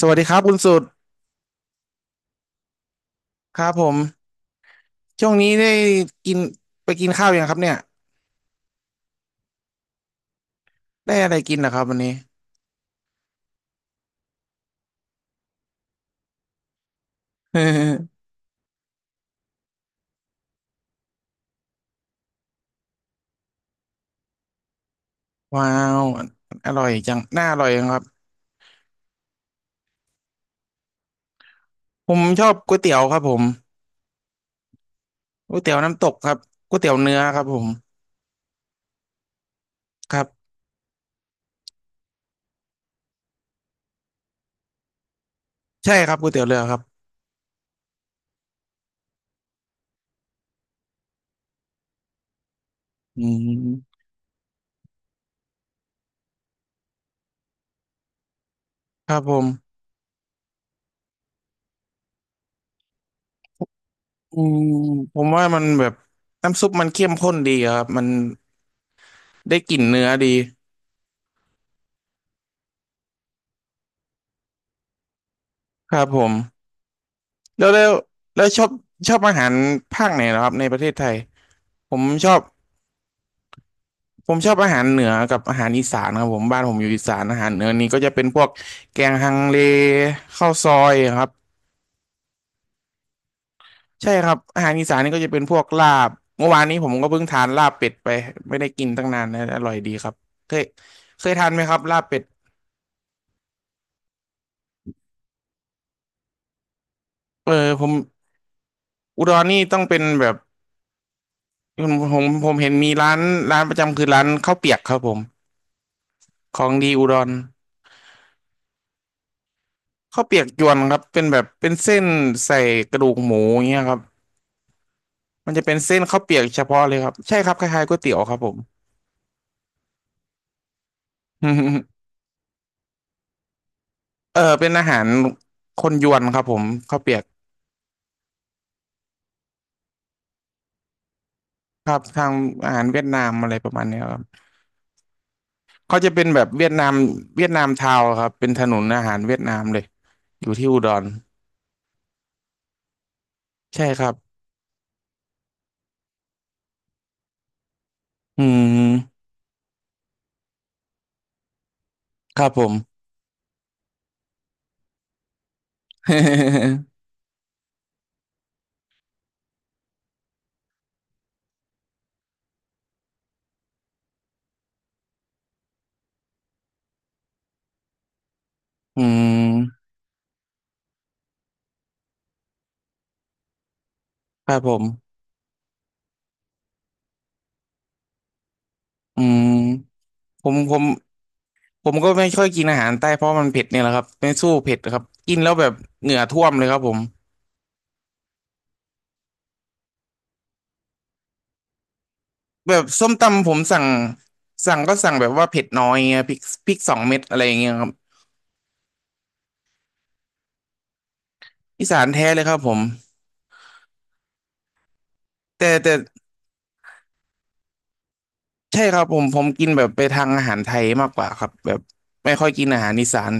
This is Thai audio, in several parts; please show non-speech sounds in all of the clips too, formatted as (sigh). สวัสดีครับคุณสุดครับผมช่วงนี้ได้กินไปกินข้าวยังครับเนี่ยได้อะไรกินเหรอครับวันนี้ (laughs) ว้าวอร่อยจังน่าอร่อยจังครับผมชอบก๋วยเตี๋ยวครับผมก๋วยเตี๋ยวน้ำตกครับก๋วยเตี๋ยวเนื้อครับผมครับใช่ครับก๋วยเตี๋ยวเรือครับอืมครับผมอืมผมว่ามันแบบน้ำซุปมันเข้มข้นดีอะครับมันได้กลิ่นเนื้อดีครับผมแล้วแล้วแล้วชอบชอบอาหารภาคไหนเหรอครับในประเทศไทยผมชอบ ผมชอบอาหารเหนือกับอาหารอีสานครับผมบ้านผมอยู่อีสานอาหารเหนือนี่ก็จะเป็นพวกแกงฮังเลข้าวซอยครับใช่ครับอาหารอีสานนี่ก็จะเป็นพวกลาบเมื่อวานนี้ผมก็เพิ่งทานลาบเป็ดไปไม่ได้กินตั้งนานนะอร่อยดีครับเคยเคยทานไหมครับลาบเป็ดเออผมอุดรนี่ต้องเป็นแบบผมเห็นมีร้านร้านประจำคือร้านข้าวเปียกครับผมของดีอุดรข้าวเปียกยวนครับเป็นแบบเป็นเส้นใส่กระดูกหมูอย่างเงี้ยครับ มันจะเป็นเส้นข้าวเปียกเฉพาะเลยครับใช่ครับคล้ายๆก๋วยเตี๋ยวครับผม (laughs) เออเป็นอาหารคนยวนครับผมข้าวเปียกครับทางอาหารเวียดนามอะไรประมาณเนี้ยครับเขาจะเป็นแบบเวียดนามเวียดนามทาวน์ครับเป็นถนนอาหารเวียดนามเลยอยู่ที่อุดรใช่ครับอืมครับผม (laughs) อืมครับผมอืมผมผมก็ไม่ค่อยกินอาหารใต้เพราะมันเผ็ดเนี่ยแหละครับไม่สู้เผ็ดครับกินแล้วแบบเหงื่อท่วมเลยครับผม แบบส้มตำผมสั่งสั่งก็สั่งแบบว่าเผ็ดน้อยเงี้ยพริกพริกสองเม็ดอะไรอย่างเงี้ยครับอีสานแท้เลยครับผมแต่แต่ใช่ครับผมกินแบบไปทางอาหารไทยมากกว่าครับแบบไม่ค่อยกินอาหารอีสาน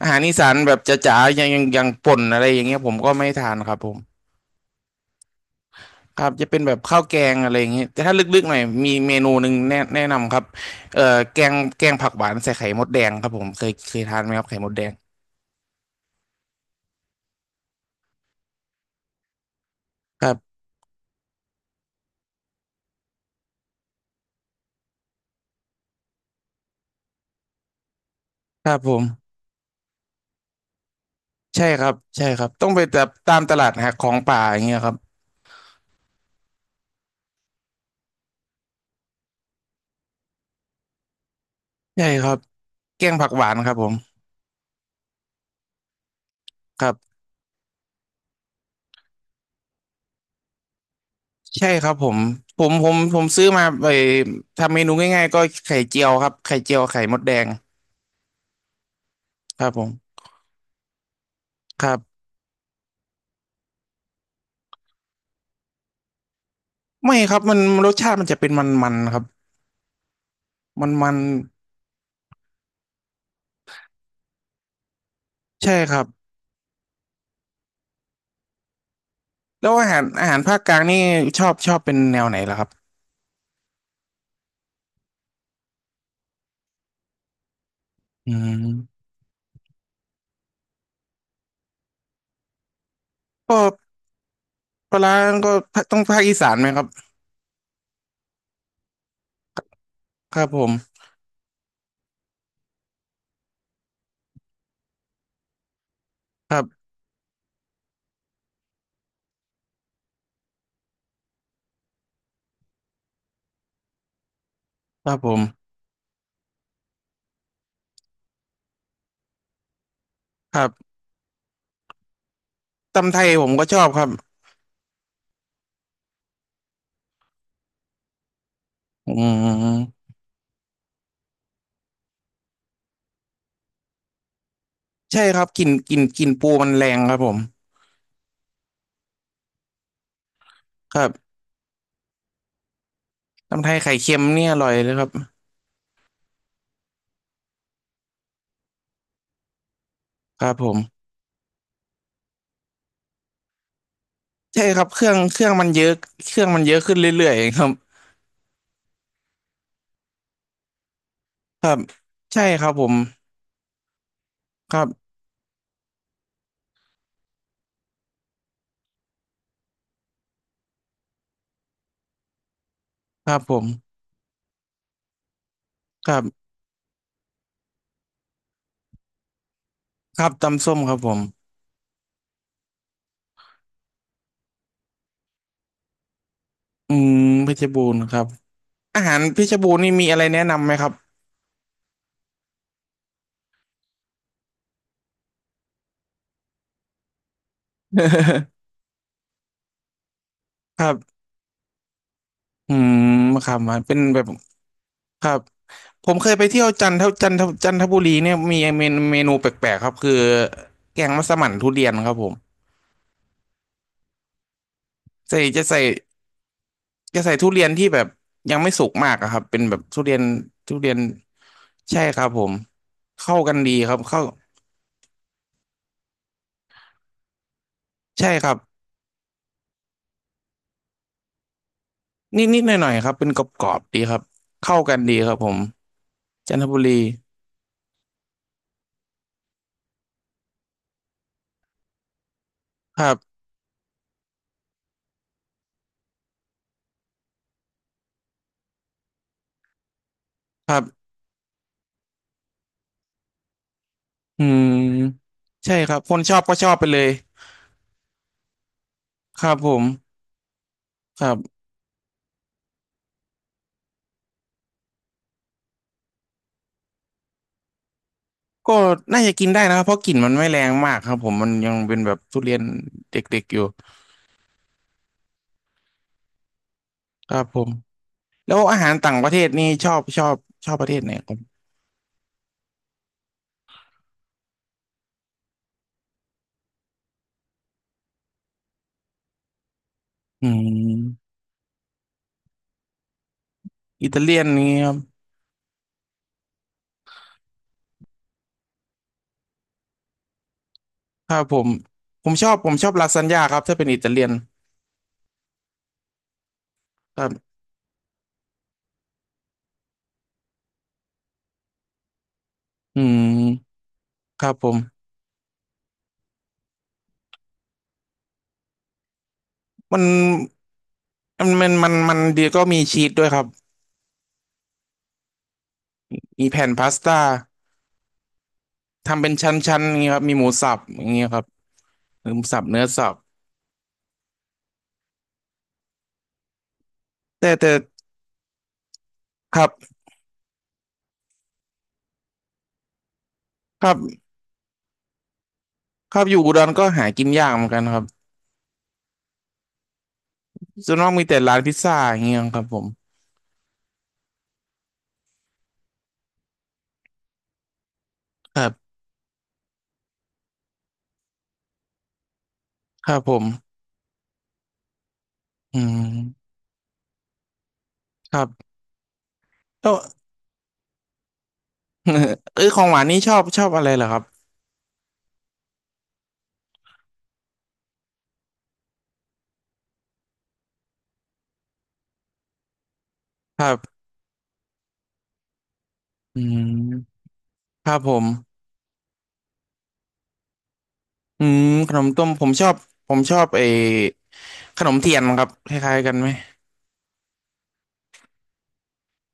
อาหารอีสานแบบจ๋าๆอย่างอย่างอย่างป่นอะไรอย่างเงี้ยผมก็ไม่ทานครับผมครับจะเป็นแบบข้าวแกงอะไรอย่างเงี้ยแต่ถ้าลึกๆหน่อยมีเมนูหนึ่งแนะแนะนำครับเอ่อแกงแกงผักหวานใส่ไข่มดแดงครับผมเคยเคยทานไหมครับไข่มดแดงครับครับผม ใช่ครับใช่ครับต้องไปแบบตามตลาดหาของป่าอย่างเงี้ยครับใช่ครับแกงผักหวานครับผมครับใช่ครับผมซื้อมาไปทำเมนูง่ายๆก็ไข่เจียวครับไข่เจียวไข่มดแดงครับผมครับไม่ครับมันรสชาติมันจะเป็นมันๆครับมันๆใช่ครับแล้วอาหารอาหารภาคกลางนี่ชอบชอบเป็นแนวไหนล่ะครับอืมก็ปลาร้าก็ต้องภาคอีสานไหมครับครับผมครับผมครับตำไทยผมก็ชอบครับอืม ใช่ครับกลิ่นกลิ่นกลิ่นปูมันแรงครับผมครับตำไทยไข่เค็มเนี่ยอร่อยเลยครับครับผมใช่ครับเครื่องเครื่องมันเยอะเครื่องมันเยอะขึ้นเรื่อยๆครับครับใช่ครับผมครับครับผมครับครับตำส้มครับผมอืมเพชรบูรณ์ครับอาหารเพชรบูรณ์นี่มีอะไรแนะนำไหมครับ (laughs) ครับอืมครับมันเป็นแบบครับผมเคยไปเที่ยวจันทบุรีเนี่ยมีเมนูแปลกๆครับคือแกงมัสมั่นทุเรียนครับผม ใส่จะใส่จะใส่ทุเรียนที่แบบยังไม่สุกมากอะครับเป็นแบบทุเรียนทุเรียนใช่ครับผมเข้ากันดีครับเข้าใช่ครับนิดนิดหน่อยหน่อยๆครับเป็นกรอบกรอบดีครับเข้ากันดีครับผมจันทบุรีครับครับอืมใช่ครับคนชอบก็ชอบไปเลยครับผมครับก็น่าจะกินได้นะครับเพราะกลิ่นมันไม่แรงมากครับผมมันยังเป็นแบบทุเรียนเด็กๆอยู่ครับผมแล้วอาหารต่างประเทศนี่ชอบชอบชอบประเทศไหนครับอืม อิตาเลียนนี้ครับถ้าผมผมชอบลาซานญ่าครับถ้าเป็นอิตาเลียนครับอืมครับผมมันมันดีก็มีชีสด้วยครับมีแผ่นพาสต้าทำเป็นชั้นๆอย่างเงี้ยครับมีหมูสับอย่างเงี้ยครับหมูสับเนื้อสับแต่แต่ครับครับครับอยู่อุดรก็หากินยากเหมือนกันครับส่วนมากมีแต่ร้านพิซซ่าอย่างเงี้ยครับผมครับครับผมอืมครับแล้ว (laughs) เออของหวานนี่ชอบชอบอะไรเหรอครับครับอืม ครับผมอืมขนมต้มผมชอบผมชอบไอ้ขนมเทียนครับคล้ายๆกันไหม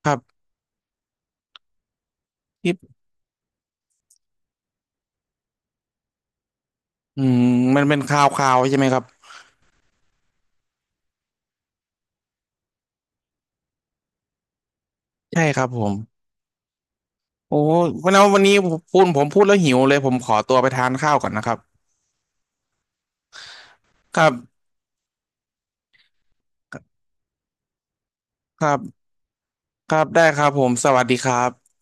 ครับที่อืมมันเป็นคาวๆใช่ไหมครับ ใช่ครับผมโอ้วันนี้วันนี้ผมพูดผมพูดแล้วหิวเลยผมขอตัวไปทานข้าวก่อนนะครับครับครับครับ ได้ครับผมสวัสดีครับ